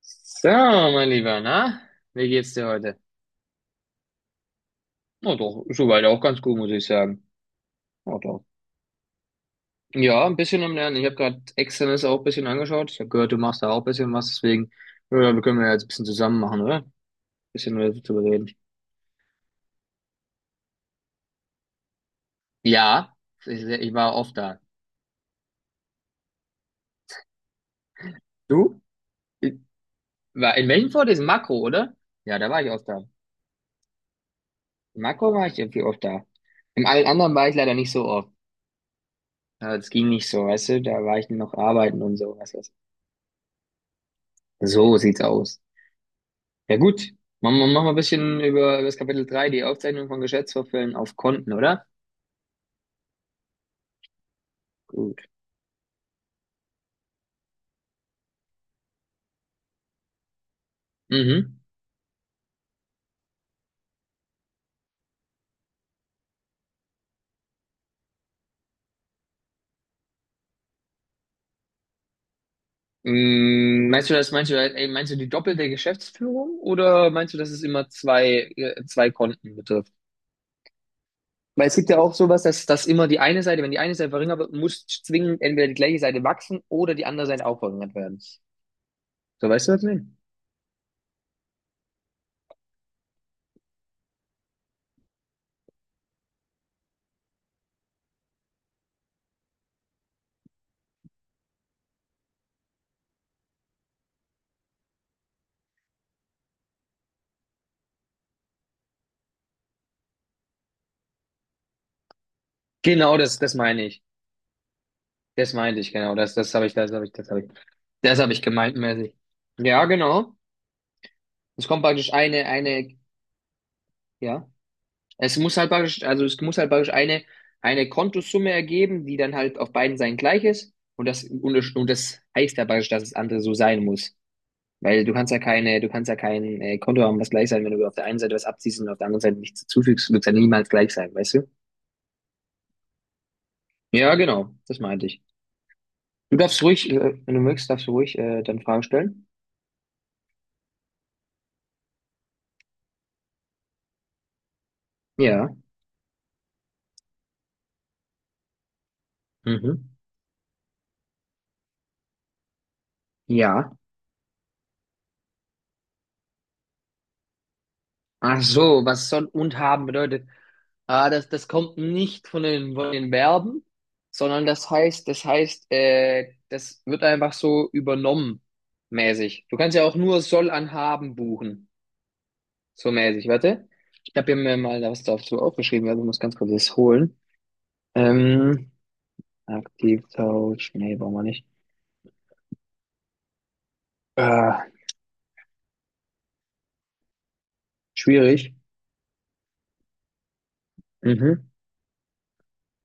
So, mein Lieber, na? Wie geht's dir heute? Na doch, soweit auch ganz gut, muss ich sagen. Na doch. Ja, ein bisschen am Lernen. Ich habe gerade Externes auch ein bisschen angeschaut. Ich habe gehört, du machst da auch ein bisschen was, deswegen, ja, wir können ja jetzt ein bisschen zusammen machen, oder? Ein bisschen mehr zu reden. Ja, ich war oft da. Du? Ich- War, in welchem Fort ist Makro, oder? Ja, da war ich oft da. In Makro war ich irgendwie oft da. Im allen anderen war ich leider nicht so oft. Ja, es ging nicht so, weißt du? Da war ich noch arbeiten und so, was weiß ich. So sieht's aus. Ja gut, machen wir ein bisschen über, über das Kapitel drei, die Aufzeichnung von Geschäftsvorfällen auf Konten, oder? Gut. Mhm. Mm, meinst du die doppelte Geschäftsführung oder meinst du, dass es immer zwei, zwei Konten betrifft? Weil es gibt ja auch sowas, dass immer die eine Seite, wenn die eine Seite verringert wird, muss zwingend entweder die gleiche Seite wachsen oder die andere Seite auch verringert werden. So, weißt du, was ich meine? Genau, das meine ich. Das meinte ich, genau. Das, das habe ich, das habe ich, das habe ich, das habe ich gemeint, mäßig. Ja, genau. Es kommt praktisch eine Ja. Es muss halt praktisch, also es muss halt praktisch eine Kontosumme ergeben, die dann halt auf beiden Seiten gleich ist. Und das, und das heißt ja praktisch, dass das andere so sein muss. Weil du kannst ja keine, du kannst ja kein Konto haben, was gleich sein, wenn du auf der einen Seite was abziehst und auf der anderen Seite nichts zufügst, wird es ja niemals gleich sein, weißt du? Ja, genau, das meinte ich. Du darfst ruhig, wenn du möchtest, darfst du ruhig dann Fragen stellen. Ja. Mhm. Ja. Ach so, was soll und haben bedeutet. Ah, das, das kommt nicht von den, von den Verben, sondern das heißt, das heißt, das wird einfach so übernommen, mäßig. Du kannst ja auch nur soll an haben buchen, so mäßig. Warte, ich habe mir mal was dazu aufgeschrieben, also ich muss ganz kurz das holen. Ähm, Aktivtausch, nee, brauchen wir nicht. Ah, schwierig. Mhm.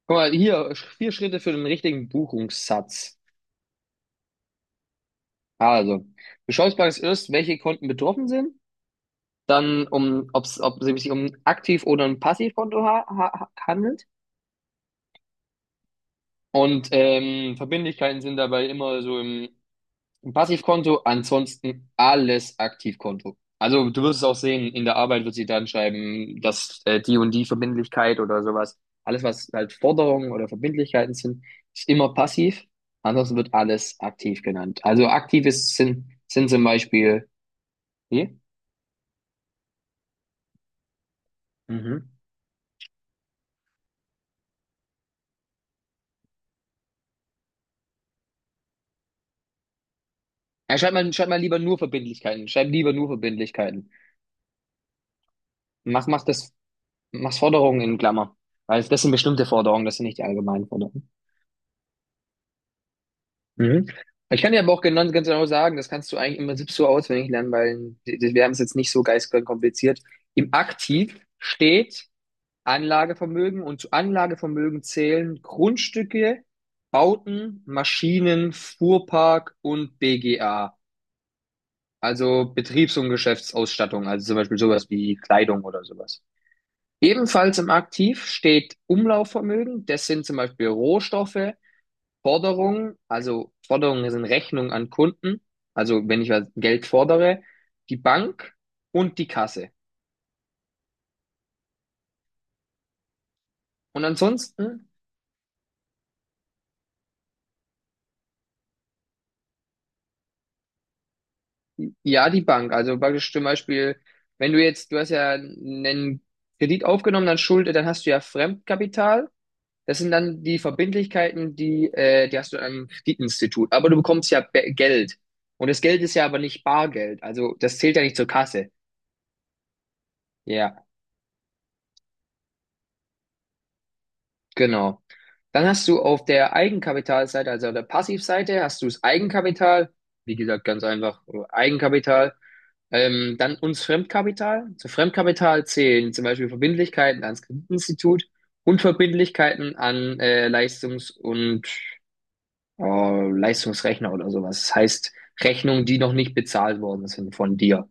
Guck mal, hier, vier Schritte für den richtigen Buchungssatz. Also, du schaust bei uns erst, welche Konten betroffen sind, dann um, ob's, ob es sich um ein Aktiv- oder ein Passivkonto ha ha handelt. Und Verbindlichkeiten sind dabei immer so im, im Passivkonto, ansonsten alles Aktivkonto. Also du wirst es auch sehen, in der Arbeit wird sie dann schreiben, dass die und die Verbindlichkeit oder sowas, alles was halt Forderungen oder Verbindlichkeiten sind, ist immer passiv. Ansonsten wird alles aktiv genannt. Also aktiv ist, sind zum Beispiel, wie? Mhm. Ja, schreib mal lieber nur Verbindlichkeiten. Schreib lieber nur Verbindlichkeiten. Mach, mach das, mach Forderungen in Klammer. Weil das sind bestimmte Forderungen, das sind nicht die allgemeinen Forderungen. Mhm. Ich kann dir aber auch genau, ganz genau sagen, das kannst du eigentlich im Prinzip so auswendig lernen, weil wir haben es jetzt nicht so geistig kompliziert. Im Aktiv steht Anlagevermögen und zu Anlagevermögen zählen Grundstücke, Bauten, Maschinen, Fuhrpark und BGA. Also Betriebs- und Geschäftsausstattung, also zum Beispiel sowas wie Kleidung oder sowas. Ebenfalls im Aktiv steht Umlaufvermögen. Das sind zum Beispiel Rohstoffe, Forderungen, also Forderungen sind Rechnungen an Kunden, also wenn ich was Geld fordere, die Bank und die Kasse. Und ansonsten, ja, die Bank. Also praktisch zum Beispiel, wenn du jetzt, du hast ja einen Kredit aufgenommen, dann Schulde, dann hast du ja Fremdkapital. Das sind dann die Verbindlichkeiten, die hast du am Kreditinstitut. Aber du bekommst ja Geld. Und das Geld ist ja aber nicht Bargeld. Also das zählt ja nicht zur Kasse. Ja, genau. Dann hast du auf der Eigenkapitalseite, also auf der Passivseite, hast du das Eigenkapital. Wie gesagt, ganz einfach Eigenkapital. Dann uns Fremdkapital. Zu Fremdkapital zählen zum Beispiel Verbindlichkeiten ans Kreditinstitut und Verbindlichkeiten an Leistungs- und Leistungsrechner oder sowas. Das heißt, Rechnungen, die noch nicht bezahlt worden sind von dir.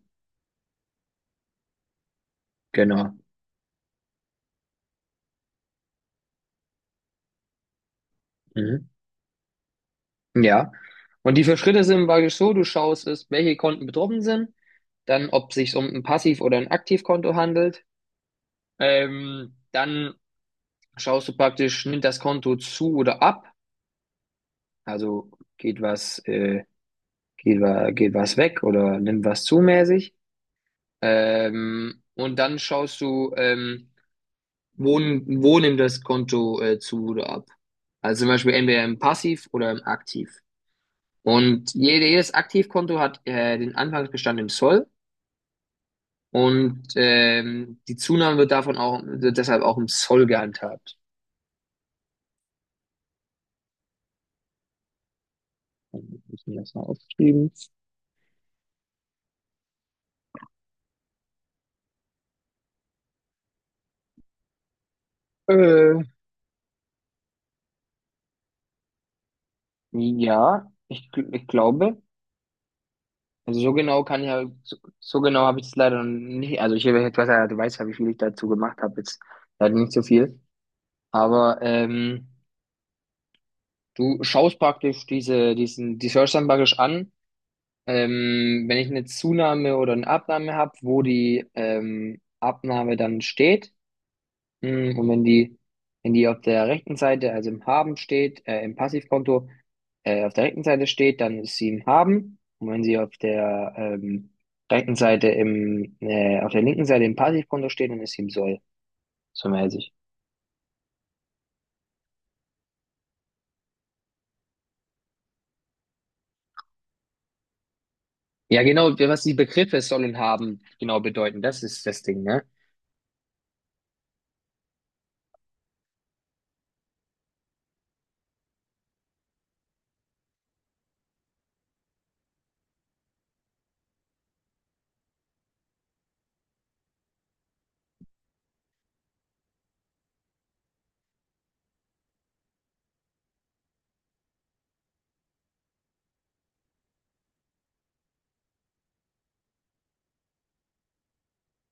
Genau. Mhm. Ja. Und die vier Schritte sind praktisch so, du schaust es, welche Konten betroffen sind, dann ob es sich um ein Passiv- oder ein Aktivkonto handelt. Dann schaust du praktisch, nimmt das Konto zu oder ab, also geht was, äh, geht was weg oder nimmt was zu mäßig. Und dann schaust du, wo nimmt das Konto zu oder ab? Also zum Beispiel entweder im Passiv oder im Aktiv. Und jedes Aktivkonto hat den Anfangsbestand im Soll und die Zunahme wird deshalb auch im Soll gehandhabt. Ich mir das mal aufschreiben. Äh, ja, ich ich glaube. Also so genau kann ich halt, so, so genau habe ich es leider nicht. Also ich habe etwas, ja, du weißt ja, wie viel ich dazu gemacht habe jetzt. Leider nicht so viel. Aber du schaust praktisch diese, diesen, die Search dann praktisch an. Wenn ich eine Zunahme oder eine Abnahme habe, wo die Abnahme dann steht, und wenn die auf der rechten Seite, also im Haben steht, im Passivkonto, auf der rechten Seite steht, dann ist sie im Haben. Und wenn sie auf der auf der linken Seite im Passivkonto steht, dann ist sie im Soll, so mäßig. Ja, genau, was die Begriffe sollen haben, genau bedeuten, das ist das Ding, ne?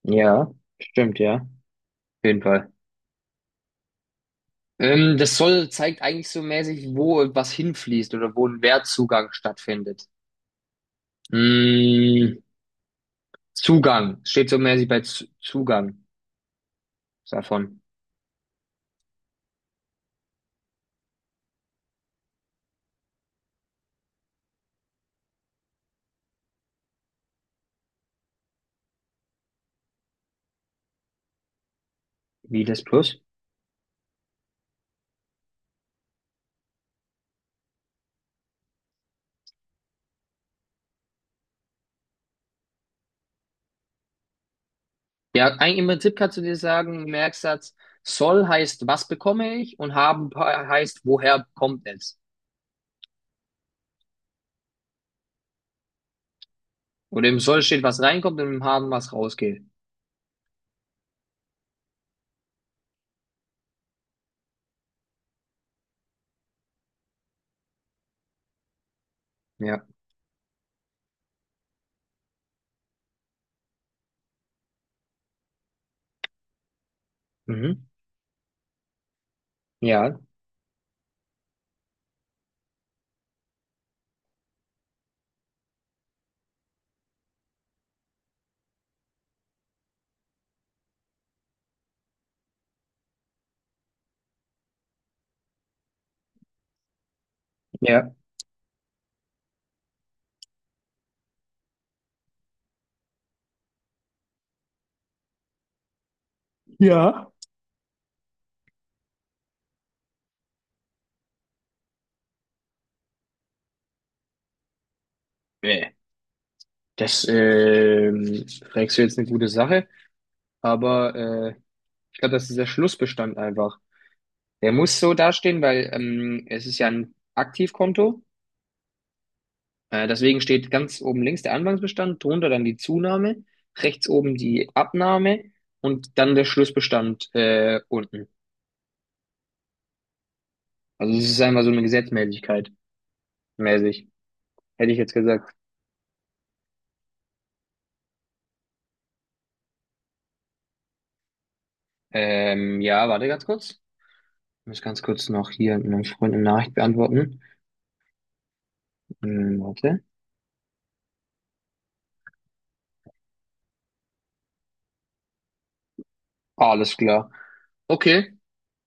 Ja, stimmt, ja. Auf jeden Fall. Das soll zeigt eigentlich so mäßig, wo was hinfließt oder wo ein Wertzugang stattfindet. Mm, Zugang. Steht so mäßig bei Z Zugang davon. Wie das plus? Ja, eigentlich im Prinzip kannst du dir sagen, Merksatz, soll heißt, was bekomme ich und haben heißt, woher kommt es? Oder im soll steht, was reinkommt und im haben, was rausgeht. Ja. Mhm. Ja, ja. Ja. Nee. Das fragst du jetzt eine gute Sache. Aber ich glaube, das ist der Schlussbestand einfach. Der muss so dastehen, weil es ist ja ein Aktivkonto. Deswegen steht ganz oben links der Anfangsbestand, drunter dann die Zunahme, rechts oben die Abnahme und dann der Schlussbestand unten. Also es ist einfach so eine Gesetzmäßigkeit mäßig, hätte ich jetzt gesagt. Ja, warte ganz kurz. Ich muss ganz kurz noch hier meinem Freund eine Nachricht beantworten. Warte. Alles klar. Okay.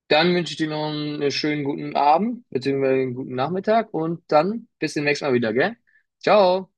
Dann wünsche ich dir noch einen schönen guten Abend, beziehungsweise einen guten Nachmittag und dann bis zum nächsten Mal wieder, gell? Ciao.